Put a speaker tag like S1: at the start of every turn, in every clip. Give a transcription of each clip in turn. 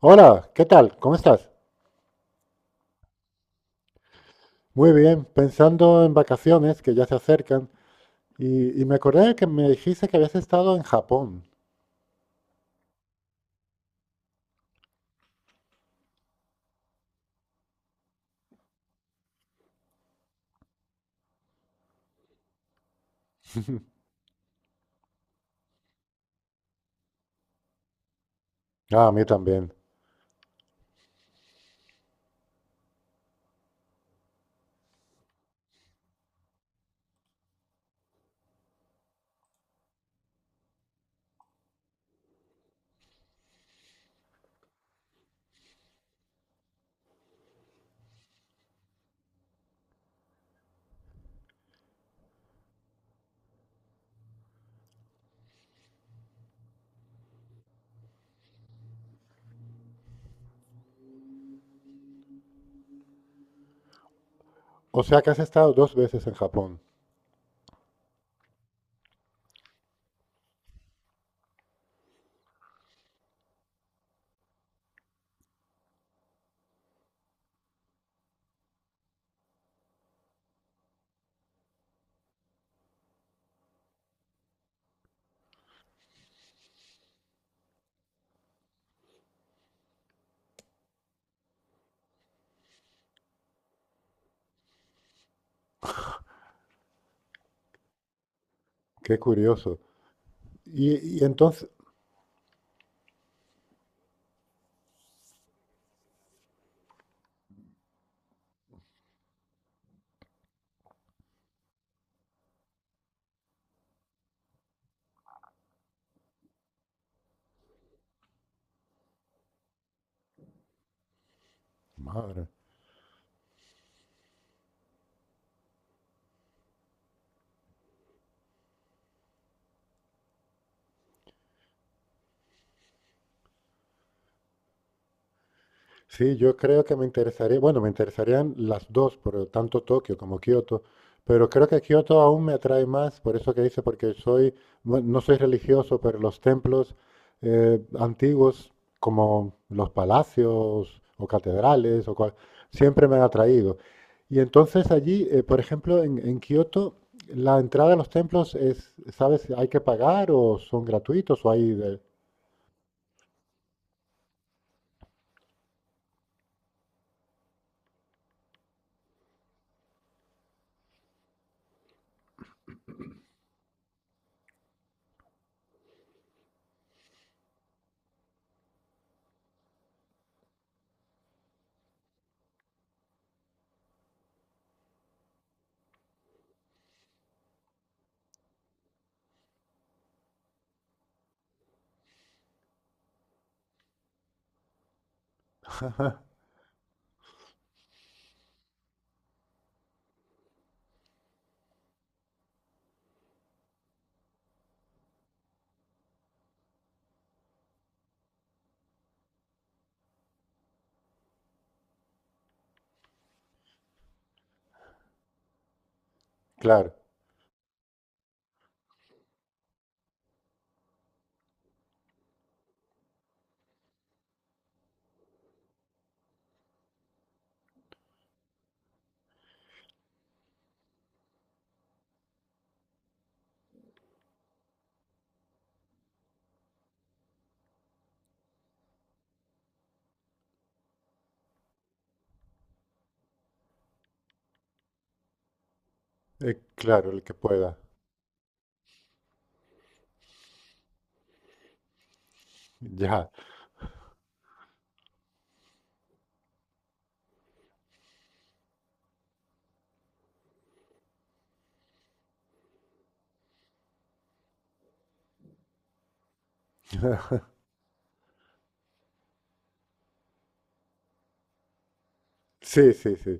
S1: Hola, ¿qué tal? ¿Cómo estás? Muy bien, pensando en vacaciones que ya se acercan y me acordé que me dijiste que habías estado en Japón. Ah, a mí también. O sea que has estado dos veces en Japón. Qué curioso. Y entonces, madre. Sí, yo creo que me interesaría, bueno, me interesarían las dos, por tanto Tokio como Kioto, pero creo que Kioto aún me atrae más, por eso que dice, porque soy, bueno, no soy religioso, pero los templos antiguos, como los palacios o catedrales, siempre me han atraído. Y entonces allí, por ejemplo, en Kioto, la entrada a los templos es, ¿sabes? ¿Hay que pagar o son gratuitos o hay de... Claro, claro, el que pueda. Ya. Sí, sí, sí.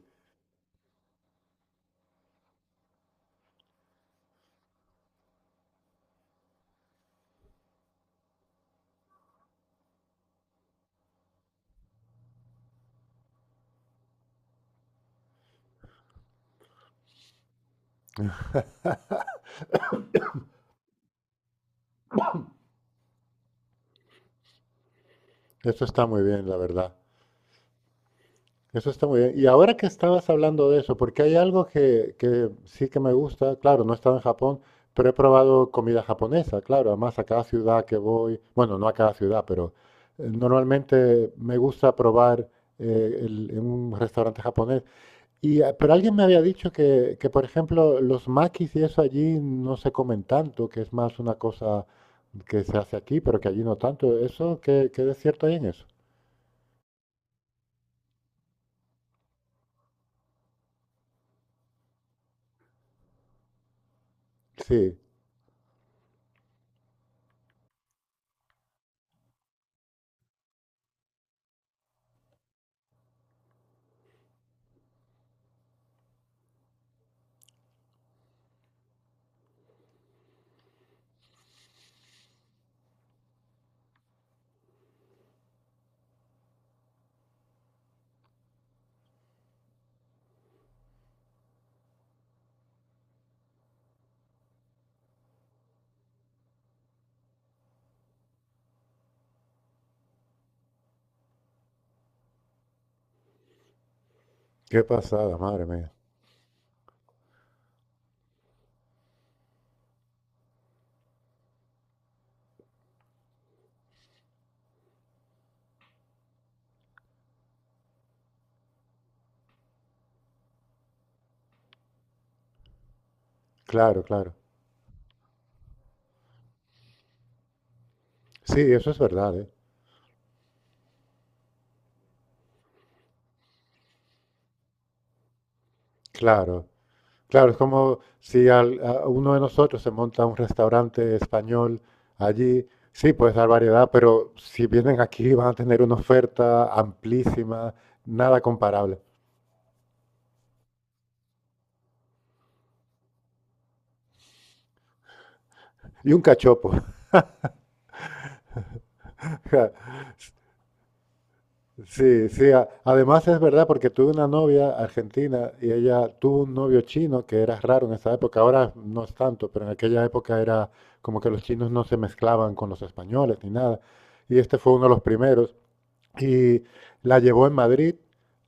S1: Eso está muy bien, la verdad. Eso está muy bien. Y ahora que estabas hablando de eso, porque hay algo que sí que me gusta, claro, no he estado en Japón, pero he probado comida japonesa, claro. Además, a cada ciudad que voy, bueno, no a cada ciudad, pero normalmente me gusta probar en un restaurante japonés. Y, pero alguien me había dicho que, por ejemplo, los makis y eso allí no se comen tanto, que es más una cosa que se hace aquí, pero que allí no tanto. ¿Eso qué de cierto hay en eso? Sí, qué pasada, madre mía. Claro, claro. Sí, eso es verdad, ¿eh? Claro, claro, es como si a uno de nosotros se monta un restaurante español allí, sí, puedes dar variedad, pero si vienen aquí van a tener una oferta amplísima, nada comparable. Y un cachopo. Sí, sí. Además es verdad porque tuve una novia argentina y ella tuvo un novio chino que era raro en esa época. Ahora no es tanto, pero en aquella época era como que los chinos no se mezclaban con los españoles ni nada. Y este fue uno de los primeros. Y la llevó en Madrid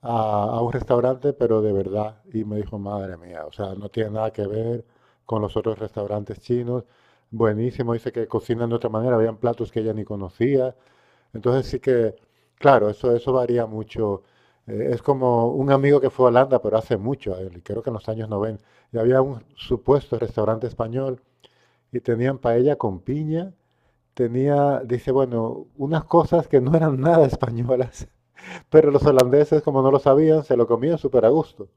S1: a un restaurante, pero de verdad. Y me dijo, madre mía, o sea, no tiene nada que ver con los otros restaurantes chinos. Buenísimo, dice que cocinan de otra manera, habían platos que ella ni conocía. Entonces sí que, claro, eso varía mucho. Es como un amigo que fue a Holanda, pero hace mucho, a creo que en los años 90, y había un supuesto restaurante español y tenían paella con piña, tenía, dice, bueno, unas cosas que no eran nada españolas, pero los holandeses, como no lo sabían, se lo comían súper a gusto.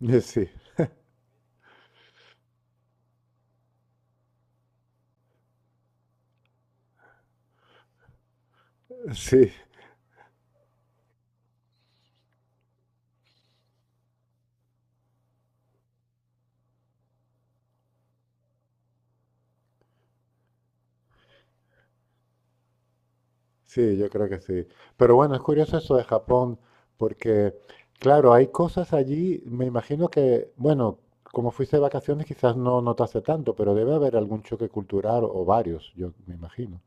S1: Sí, sí. Sí, yo creo que sí. Pero bueno, es curioso eso de Japón, porque, claro, hay cosas allí, me imagino que, bueno, como fuiste de vacaciones quizás no notaste tanto, pero debe haber algún choque cultural o varios, yo me imagino.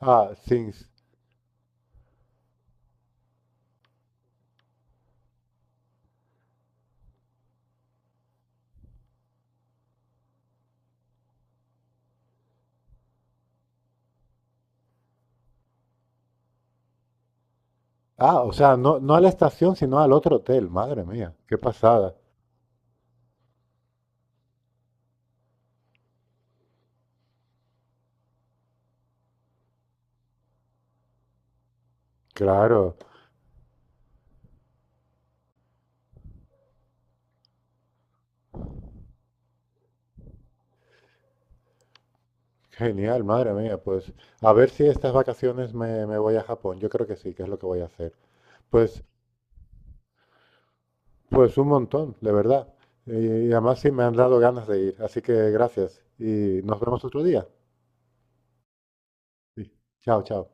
S1: Ah, Sings. Ah, o sea, no, no a la estación, sino al otro hotel, madre mía, qué pasada. Claro, genial, madre mía, pues a ver si estas vacaciones me voy a Japón, yo creo que sí, que es lo que voy a hacer. Pues Pues un montón, de verdad. Y además sí me han dado ganas de ir. Así que gracias. Y nos vemos otro día. Sí. Chao, chao.